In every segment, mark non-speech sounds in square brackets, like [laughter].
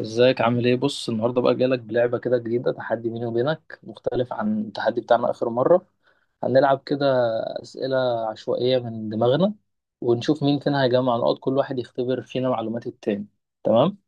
ازيك عامل ايه؟ بص، النهارده بقى جالك بلعبه كده جديده، تحدي بيني وبينك مختلف عن التحدي بتاعنا اخر مره. هنلعب كده اسئله عشوائيه من دماغنا، ونشوف مين فينا هيجمع نقاط. كل واحد يختبر فينا معلومات التاني. تمام.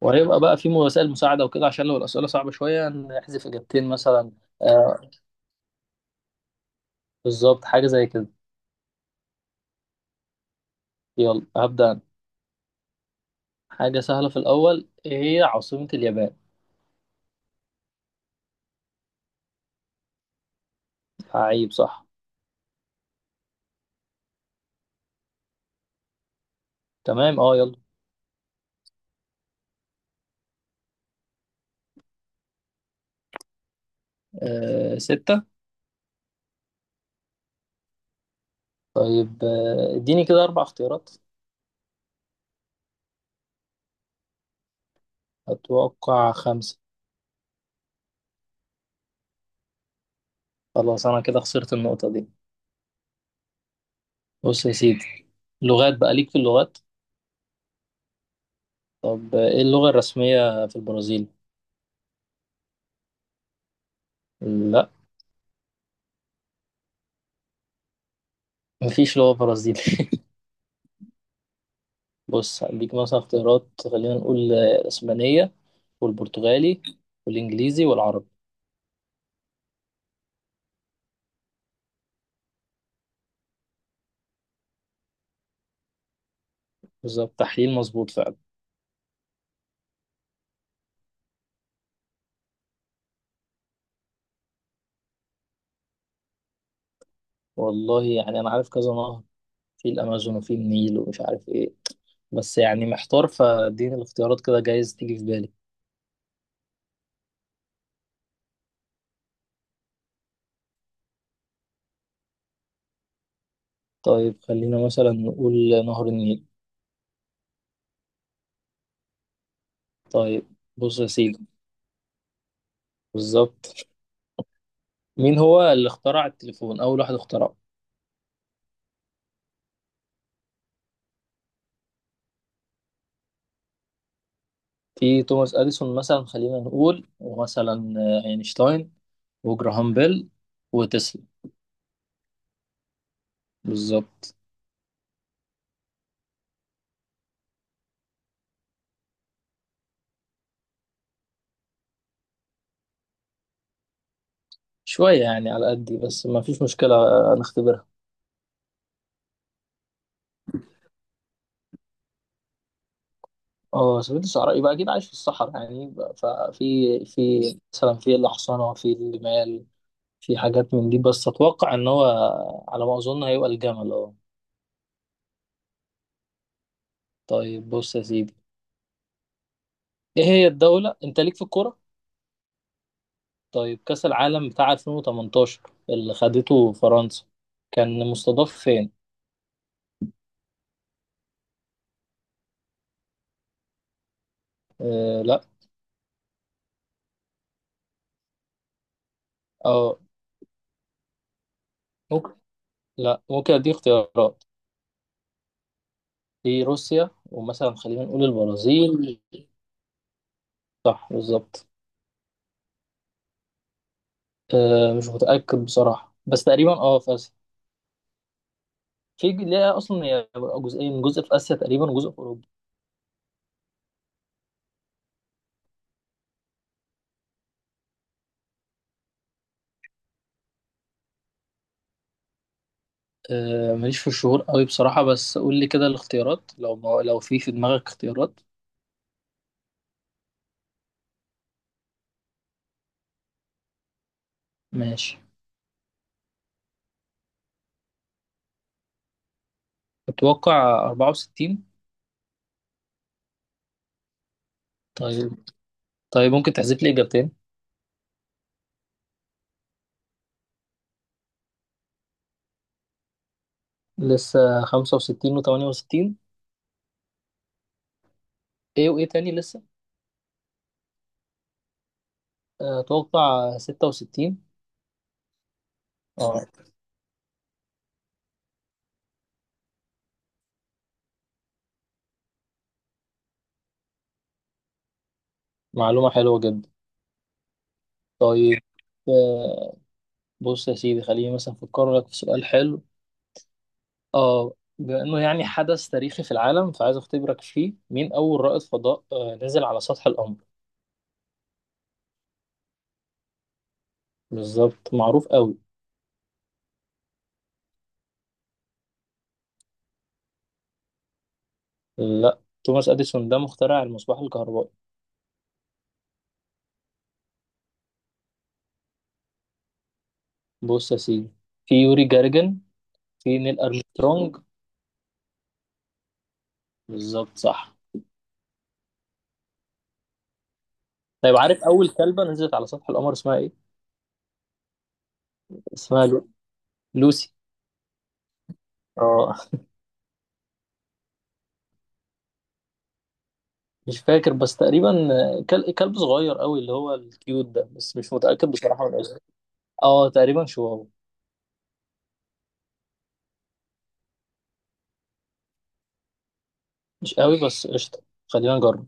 وهيبقى بقى في وسائل مساعده وكده، عشان لو الاسئله صعبه شويه نحذف اجابتين مثلا. آه، بالظبط حاجه زي كده. يلا هبدا انا. حاجه سهله في الاول، ايه هي عاصمه اليابان؟ عيب، صح. تمام، اه يلا. آه ستة. طيب، اديني كده أربع اختيارات. أتوقع خمسة. خلاص، أنا كده خسرت النقطة دي. بص يا سيدي، لغات، بقى ليك في اللغات. طب، إيه اللغة الرسمية في البرازيل؟ لا. مفيش لغة برازيلي [laughs] بص، هديك مثلا اختيارات. خلينا نقول الإسبانية، والبرتغالي، والإنجليزي والعربي. بالظبط، تحليل مظبوط فعلا. والله يعني أنا عارف كذا نهر، في الأمازون وفي النيل ومش عارف إيه، بس يعني محتار، فاديني الاختيارات كده جايز تيجي في بالي. طيب خلينا مثلا نقول نهر النيل. طيب بص يا سيدي، بالظبط. مين هو اللي اخترع التليفون، أول واحد اخترعه؟ في توماس أديسون مثلا، خلينا نقول، ومثلا أينشتاين، وجراهام بيل، وتسلا. بالظبط. شوية يعني على قدي، بس ما فيش مشكلة، نختبرها. اه، سفينة الصحراء يبقى أكيد عايش في الصحراء، يعني يبقى- ففي في مثلا في الأحصنة، في الجمال، في حاجات من دي، بس أتوقع إن هو على ما أظن هيبقى الجمل، اه. طيب بص يا سيدي، ايه هي الدولة، انت ليك في الكورة. طيب كأس العالم بتاع 2018 اللي خدته فرنسا كان مستضاف فين؟ آه لا. اه ممكن. لا، ممكن اديك اختيارات. في روسيا، ومثلا خلينا نقول البرازيل. صح، بالظبط. آه، مش متأكد بصراحة، بس تقريبا اه في اسيا. ليها اصلا هي جزئين، جزء في اسيا تقريبا وجزء في اوروبا. آه، ماليش في الشهور قوي بصراحة، بس قول لي كده الاختيارات، لو ما لو في دماغك اختيارات. ماشي. اتوقع 64. طيب. طيب ممكن تحذف لي إجابتين. لسه خمسة وستين وتمانية وستين. إيه وإيه تاني لسه؟ آه، أتوقع ستة وستين. أه. معلومة حلوة جدا. طيب، آه، بص يا سيدي، خليني مثلا أفكر لك في سؤال حلو. أه، بما إنه يعني حدث تاريخي في العالم، فعايز أختبرك فيه. مين أول رائد فضاء نزل على سطح القمر؟ بالظبط، معروف قوي. لا، توماس أديسون ده مخترع المصباح الكهربائي. بص يا سيدي، في يوري جارجن، في نيل أرمسترونج. بالظبط، صح. طيب، عارف اول كلبه نزلت على سطح القمر اسمها ايه؟ اسمها لوسي. اه. مش فاكر بس تقريبا كلب صغير قوي، اللي هو الكيوت ده، بس مش متاكد بصراحه من اسمه. اه تقريبا شواو. مش قوي بس قشطه، خلينا نجرب.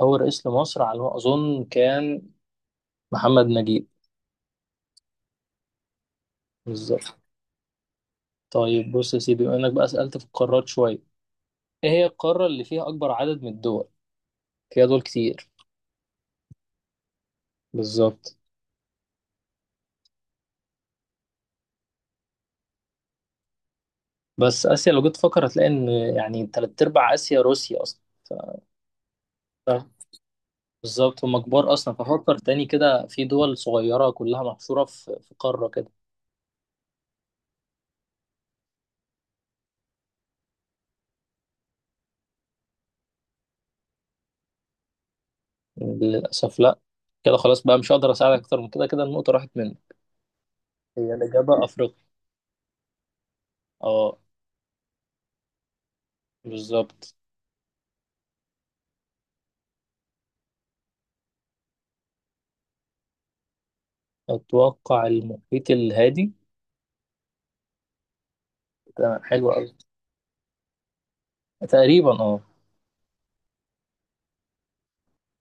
اول رئيس لمصر على ما اظن كان محمد نجيب. بالظبط. طيب بص يا سيدي، بما انك بقى سالت في القارات شويه، ايه هي القاره اللي فيها اكبر عدد من الدول؟ فيها دول كتير. بالظبط. بس اسيا لو جيت تفكر هتلاقي ان، يعني تلات ارباع اسيا روسيا اصلا. بالظبط هم كبار اصلا، ففكر تاني كده في دول صغيره كلها محشوره في قاره كده. للاسف لا. كده خلاص بقى مش هقدر اساعدك اكتر من كده، كده النقطه راحت منك. هي الاجابه افريقيا. اه. بالظبط. اتوقع المحيط الهادي. تمام حلو قوي. تقريبا اه.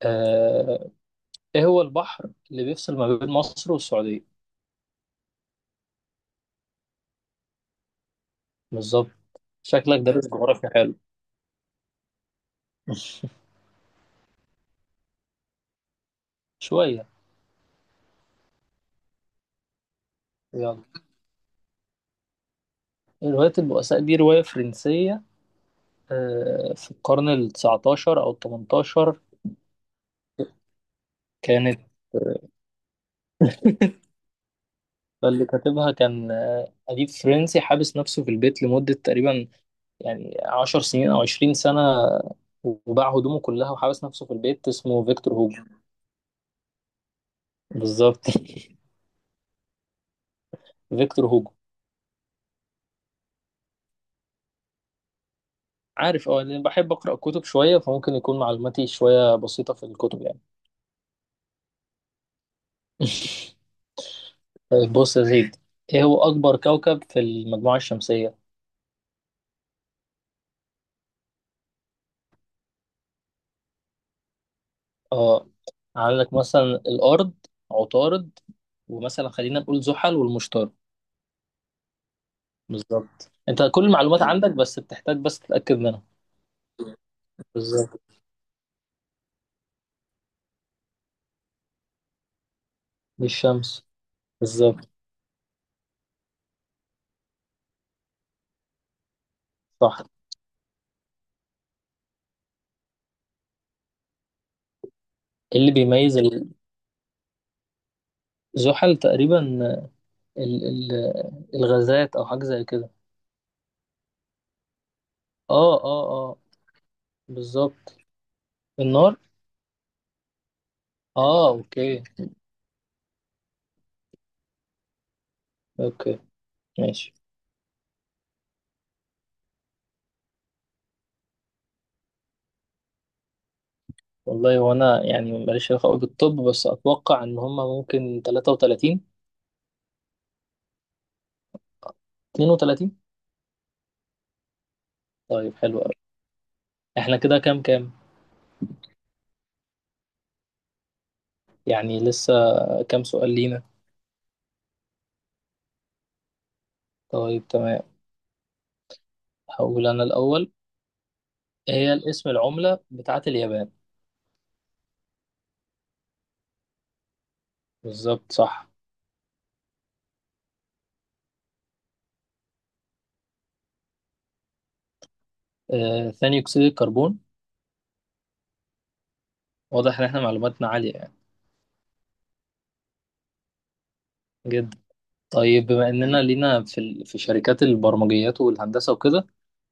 آه، ايه هو البحر اللي بيفصل ما بين مصر والسعوديه؟ بالظبط. شكلك دارس جغرافيا حلو. شويه. يلا. رواية البؤساء دي رواية فرنسية، في القرن ال 19 أو ال 18 كانت. اللي كاتبها كان أديب فرنسي حابس نفسه في البيت لمدة تقريبا يعني عشر سنين أو عشرين سنة، وباع هدومه كلها وحابس نفسه في البيت، اسمه فيكتور هوجو. بالظبط [laughs] فيكتور هوجو. عارف، اه، لأن بحب أقرأ كتب شوية، فممكن يكون معلوماتي شوية بسيطة في الكتب يعني. [laughs] طيب بص يا زيد، إيه هو أكبر كوكب في المجموعة الشمسية؟ اه. عندك مثلا الأرض، عطارد، ومثلا خلينا نقول زحل والمشتري. بالظبط، انت كل المعلومات عندك، بس بتحتاج بس تتأكد منها. بالظبط. دي الشمس. بالظبط صح. إيه اللي بيميز؟ الزحل تقريبا، ال الغازات او حاجة زي كده. اه اه اه. بالظبط. النار. اه اوكي. اوكي. ماشي. والله وانا يعني ماليش علاقة قوي بالطب، بس اتوقع ان هما ممكن 33. 32. طيب حلو قوي. احنا كده كام كام؟ يعني لسه. كام سؤال لينا؟ طيب تمام. هقول انا الاول. هي الاسم العملة بتاعت اليابان؟ بالظبط صح. ثاني أكسيد الكربون. واضح إن إحنا معلوماتنا عالية يعني. جدا. طيب، بما إننا لينا في في شركات البرمجيات والهندسة وكده،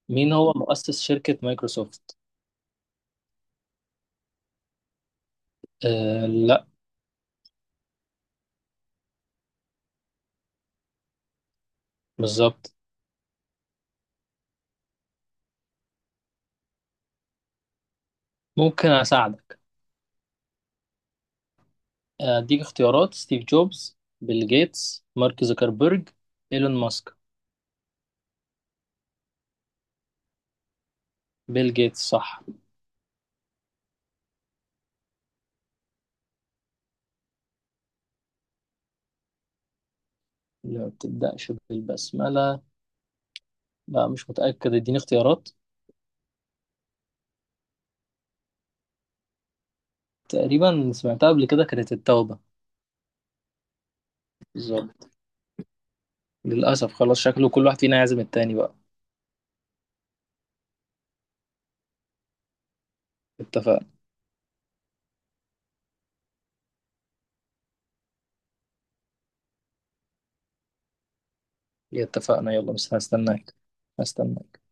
مين هو مؤسس شركة مايكروسوفت؟ آه لا. بالظبط. ممكن أساعدك. أديك اختيارات: ستيف جوبز، بيل جيتس، مارك زوكربيرج، إيلون ماسك. بيل جيتس، صح. ما بتبدأش بالبسملة. لا مش متأكد، اديني اختيارات. تقريبا سمعتها قبل كده، كانت التوبة. بالظبط. للأسف خلاص، شكله كل واحد فينا يعزم التاني بقى. اتفقنا. اتفقنا يلا، بس هستناك. هستناك.